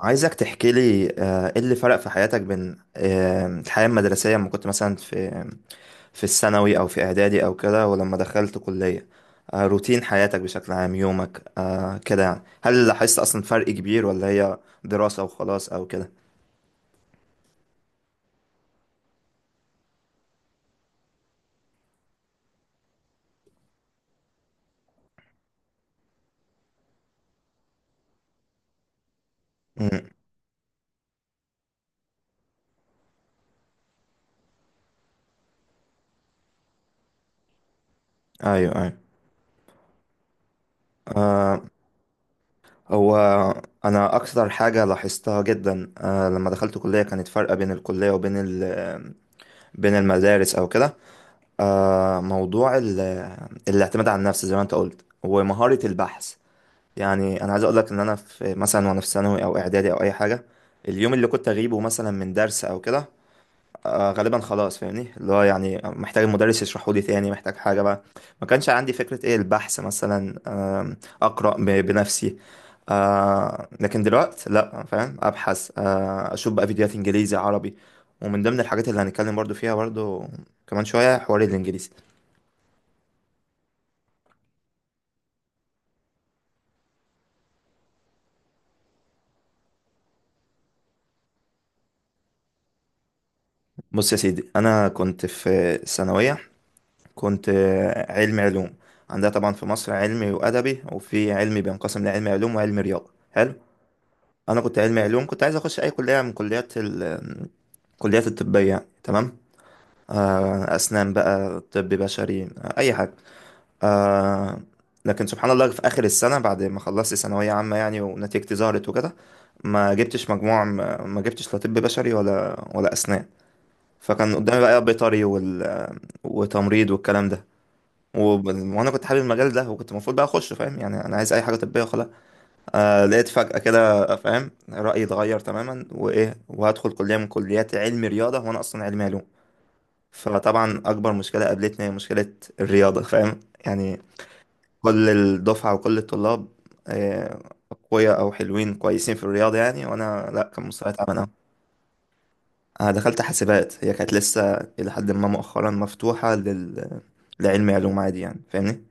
عايزك تحكي لي ايه اللي فرق في حياتك بين الحياة المدرسية لما كنت مثلا في الثانوي او في اعدادي او كده، ولما دخلت كلية روتين حياتك بشكل عام، يومك كده، يعني هل لاحظت اصلا فرق كبير ولا هي دراسة وخلاص او كده؟ مم. ايوه، ايوه. هو انا اكتر حاجة لاحظتها جدا لما دخلت كلية كانت فرقة بين الكلية وبين بين المدارس او كده. موضوع الاعتماد على النفس زي ما انت قلت، ومهارة البحث. يعني انا عايز اقول لك ان انا في مثلا، وانا في ثانوي او اعدادي او اي حاجة، اليوم اللي كنت اغيبه مثلا من درس او كده غالبا خلاص، فاهمني، اللي هو يعني محتاج المدرس يشرحه لي تاني، محتاج حاجة بقى. ما كانش عندي فكرة ايه البحث مثلا، اقرأ بنفسي. لكن دلوقتي لا، فاهم، ابحث، اشوف بقى فيديوهات انجليزي عربي، ومن ضمن الحاجات اللي هنتكلم برضو فيها برضو كمان شوية حوار الانجليزي. بص يا سيدي، انا كنت في ثانويه، كنت علمي علوم. عندها طبعا في مصر علمي وادبي، وفي علمي بينقسم لعلمي علوم وعلمي رياضه، حلو. انا كنت علمي علوم، كنت عايز اخش اي كليه من كليات كليات الطبيه يعني. تمام. اسنان بقى، طب بشري، اي حاجه. آه، لكن سبحان الله في اخر السنه، بعد ما خلصت ثانويه عامه يعني، ونتيجتي ظهرت وكده، ما جبتش مجموع، ما جبتش لا طب بشري ولا اسنان. فكان قدامي بقى بيطري وتمريض والكلام ده و... وانا كنت حابب المجال ده، وكنت المفروض بقى اخش، فاهم، يعني انا عايز اي حاجه طبيه وخلاص. لقيت فجاه كده، فاهم، رايي اتغير تماما، وايه وهدخل كليه من كليات علم رياضه وانا اصلا علمي علوم. فطبعا اكبر مشكله قابلتني هي مشكله الرياضه، فاهم. يعني كل الدفعه وكل الطلاب آه، اقوياء او حلوين كويسين في الرياضه يعني، وانا لا، كان مستواي تعبان. انا دخلت حاسبات، هي كانت لسه الى حد ما مؤخرا مفتوحه لعلم علوم عادي، يعني فاهمني.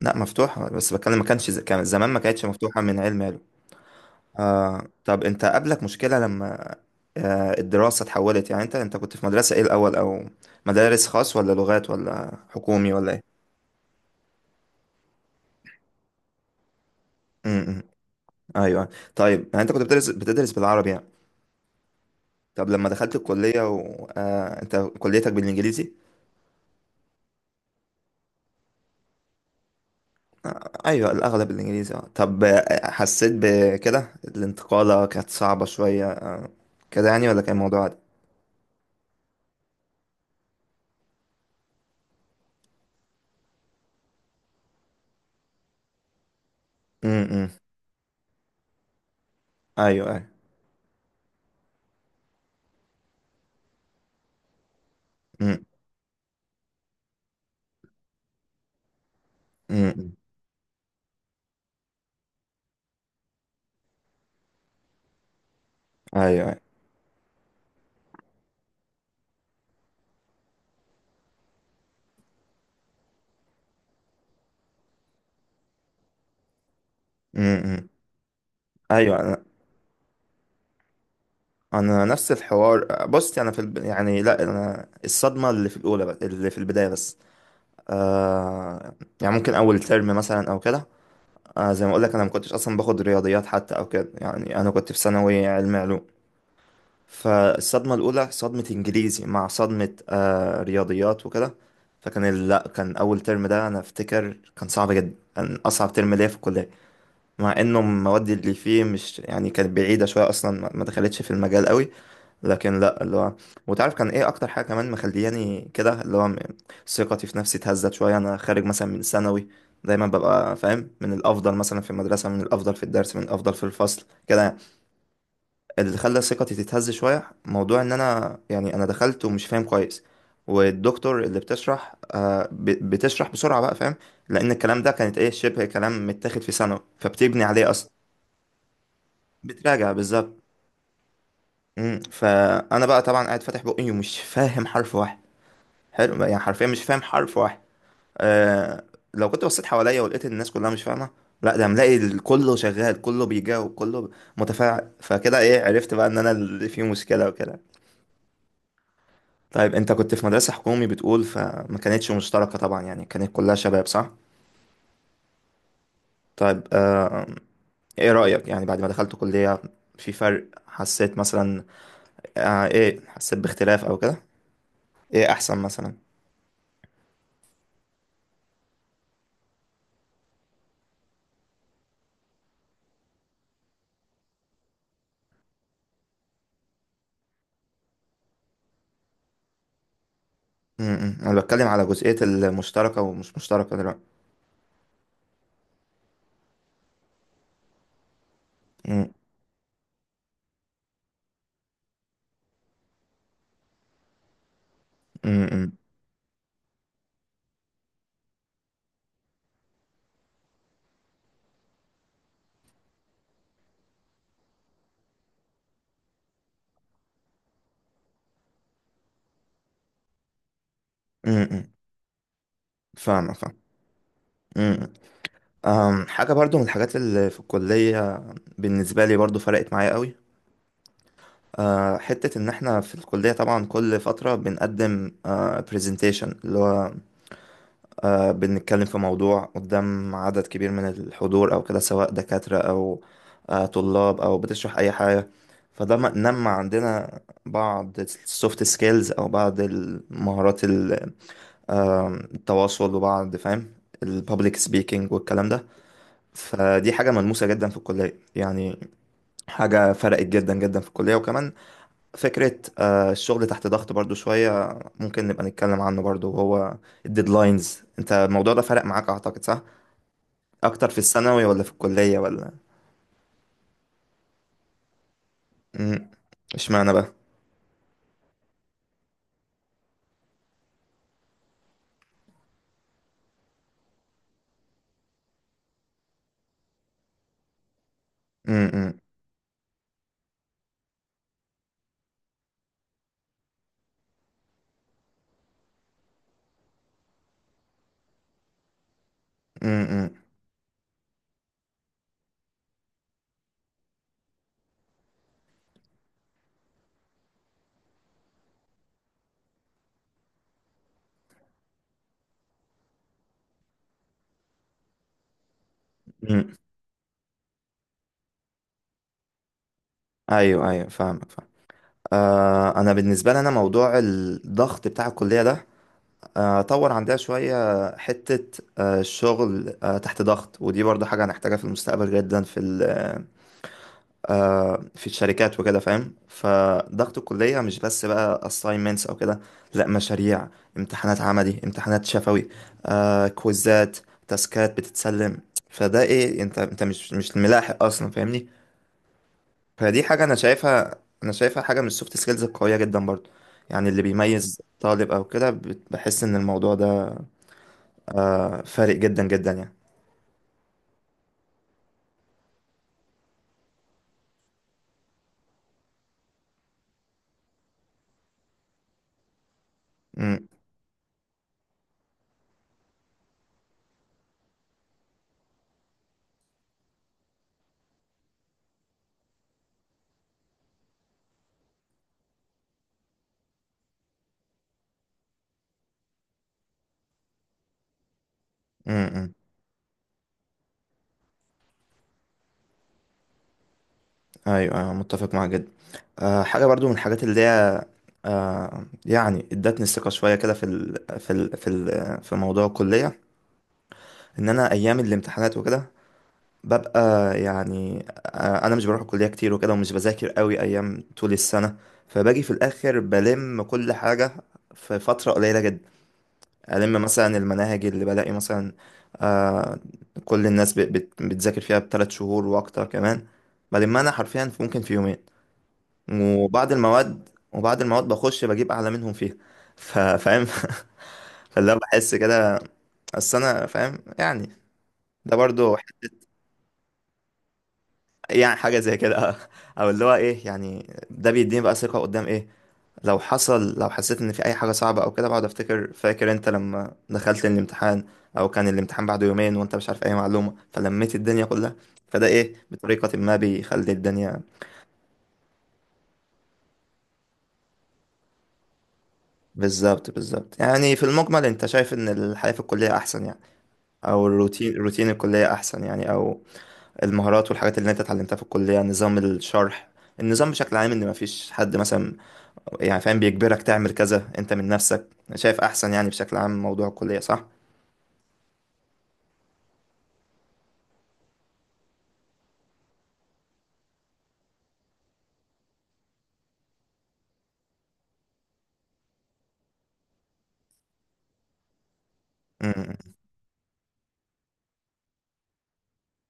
لا، مفتوحه، بس بتكلم ما كانش ز- كان زمان ما كانتش مفتوحه من علم علوم. طب انت قابلك مشكله لما الدراسه اتحولت، يعني انت كنت في مدرسه ايه الاول، او مدارس خاص ولا لغات ولا حكومي ولا ايه؟ امم. ايوه. طيب يعني انت كنت بتدرس بالعربي يعني. طب لما دخلت الكليه انت كليتك بالانجليزي. ايوه الاغلب الانجليزي. اه. طب حسيت بكده الانتقالة كانت صعبة شوية كده يعني، ولا كان الموضوع عادي؟ امم. ايوه، ايوه. امم، امم. ايوه، ايوه. امم. ايوه، انا نفس الحوار، بص، انا يعني لا، انا الصدمة اللي في الاولى بس، اللي في البداية بس. آه يعني ممكن اول ترم مثلا او كده. زي ما اقول لك، انا ما كنتش اصلا باخد رياضيات حتى او كده، يعني انا كنت في ثانوي علم علوم. فالصدمة الأولى صدمة إنجليزي مع صدمة رياضيات وكده. فكان لا، كان أول ترم ده أنا أفتكر كان صعب جدا، كان أصعب ترم ليا في الكلية. مع إنه المواد اللي فيه مش يعني كانت بعيدة شوية، أصلا ما دخلتش في المجال قوي. لكن لا، اللي هو، وتعرف كان إيه أكتر حاجة كمان مخلياني كده، اللي هو ثقتي في نفسي اتهزت شوية. أنا خارج مثلا من ثانوي، دايما ببقى فاهم، من الأفضل مثلا في المدرسة، من الأفضل في الدرس، من الأفضل في الفصل كده يعني. اللي خلى ثقتي تتهز شوية موضوع ان انا، يعني انا دخلت ومش فاهم كويس، والدكتور اللي بتشرح بسرعة بقى، فاهم. لان الكلام ده كانت ايه شبه كلام متاخد في ثانوي، فبتبني عليه اصلا. بتراجع بالظبط. مم. فانا بقى طبعا قاعد فاتح بقي ومش فاهم حرف واحد. حلو يعني، حرفيا مش فاهم حرف واحد. آه لو كنت بصيت حواليا ولقيت إن الناس كلها مش فاهمة، لا، ده ملاقي كله شغال، كله بيجاوب، كله متفاعل. فكده ايه، عرفت بقى ان انا اللي فيه مشكلة وكده. طيب انت كنت في مدرسة حكومي بتقول، فما كانتش مشتركة طبعا يعني، كانت كلها شباب، صح؟ طيب ايه رأيك يعني، بعد ما دخلت كلية في فرق حسيت مثلا، ايه حسيت باختلاف او كده؟ ايه احسن مثلا؟ امم. انا بتكلم على جزئية المشتركة ومش مشتركة دلوقتي. امم، امم. امم. فاهم، فاهم. امم. حاجة برضو من الحاجات اللي في الكلية بالنسبة لي برضو فرقت معايا قوي. حتة إن إحنا في الكلية طبعا كل فترة بنقدم برزنتيشن، اللي هو بنتكلم في موضوع قدام عدد كبير من الحضور أو كده، سواء دكاترة أو طلاب، أو بتشرح أي حاجة. فده نمى عندنا بعض السوفت سكيلز أو بعض المهارات التواصل، وبعض فاهم، البابليك سبيكينج والكلام ده. فدي حاجة ملموسة جدا في الكلية يعني. حاجة فرقت جدا جدا في الكلية، وكمان فكرة الشغل تحت ضغط برضو شوية، ممكن نبقى نتكلم عنه برضو، وهو الديدلاينز. انت الموضوع ده فرق معاك اعتقد، صح؟ اكتر في الثانوي ولا في الكلية ولا؟ مم. اشمعنى بقى؟ مم. مم. مم. مم. ايوه، ايوه، فاهمك، فاهم. انا بالنسبة لي، انا موضوع الضغط بتاع الكلية ده طور عندها شوية. حتة الشغل تحت ضغط، ودي برضو حاجة هنحتاجها في المستقبل جدا، في ال آه، في الشركات وكده، فاهم. فضغط الكلية مش بس بقى assignments أو كده، لا، مشاريع، امتحانات عملي، امتحانات شفوي، كويزات، تاسكات بتتسلم. فده ايه، انت مش ملاحق اصلا، فاهمني. فدي حاجة انا شايفها، حاجة من السوفت سكيلز القوية جدا برضو، يعني اللي بيميز طالب او كده. بحس ان الموضوع ده فارق جدا جدا يعني. م- م- م. ايوه، أيوة، متفق معاك جدا. حاجة برضو من الحاجات اللي هي يعني ادتني الثقة شوية كده في موضوع الكلية. ان انا ايام الامتحانات وكده ببقى، يعني انا مش بروح الكلية كتير وكده، ومش بذاكر قوي ايام طول السنة، فباجي في الاخر بلم كل حاجة في فترة قليلة جدا. ألم مثلا المناهج اللي بلاقي مثلا آه كل الناس بتذاكر فيها بـ3 شهور وأكتر كمان، بلمها أنا حرفيا ممكن في يومين. وبعض المواد بخش بجيب اعلى منهم فيها. فاهم. فاللي هو بحس كده، اصل انا فاهم يعني. ده برضو يعني حاجه زي كده. او اللي هو ايه يعني، ده بيديني بقى ثقه قدام ايه. لو حصل، لو حسيت ان في اي حاجه صعبه او كده، بقعد فاكر انت لما دخلت الامتحان، او كان الامتحان بعده يومين وانت مش عارف اي معلومه، فلميت الدنيا كلها. فده ايه، بطريقه ما بيخلي الدنيا. بالظبط، بالظبط. يعني في المجمل انت شايف ان الحياه في الكليه احسن يعني، او روتين الكليه احسن يعني، او المهارات والحاجات اللي انت اتعلمتها في الكليه، نظام الشرح، النظام بشكل عام، ان مفيش حد مثلا يعني فاهم بيجبرك تعمل كذا، انت من نفسك، شايف احسن يعني بشكل عام موضوع الكليه، صح؟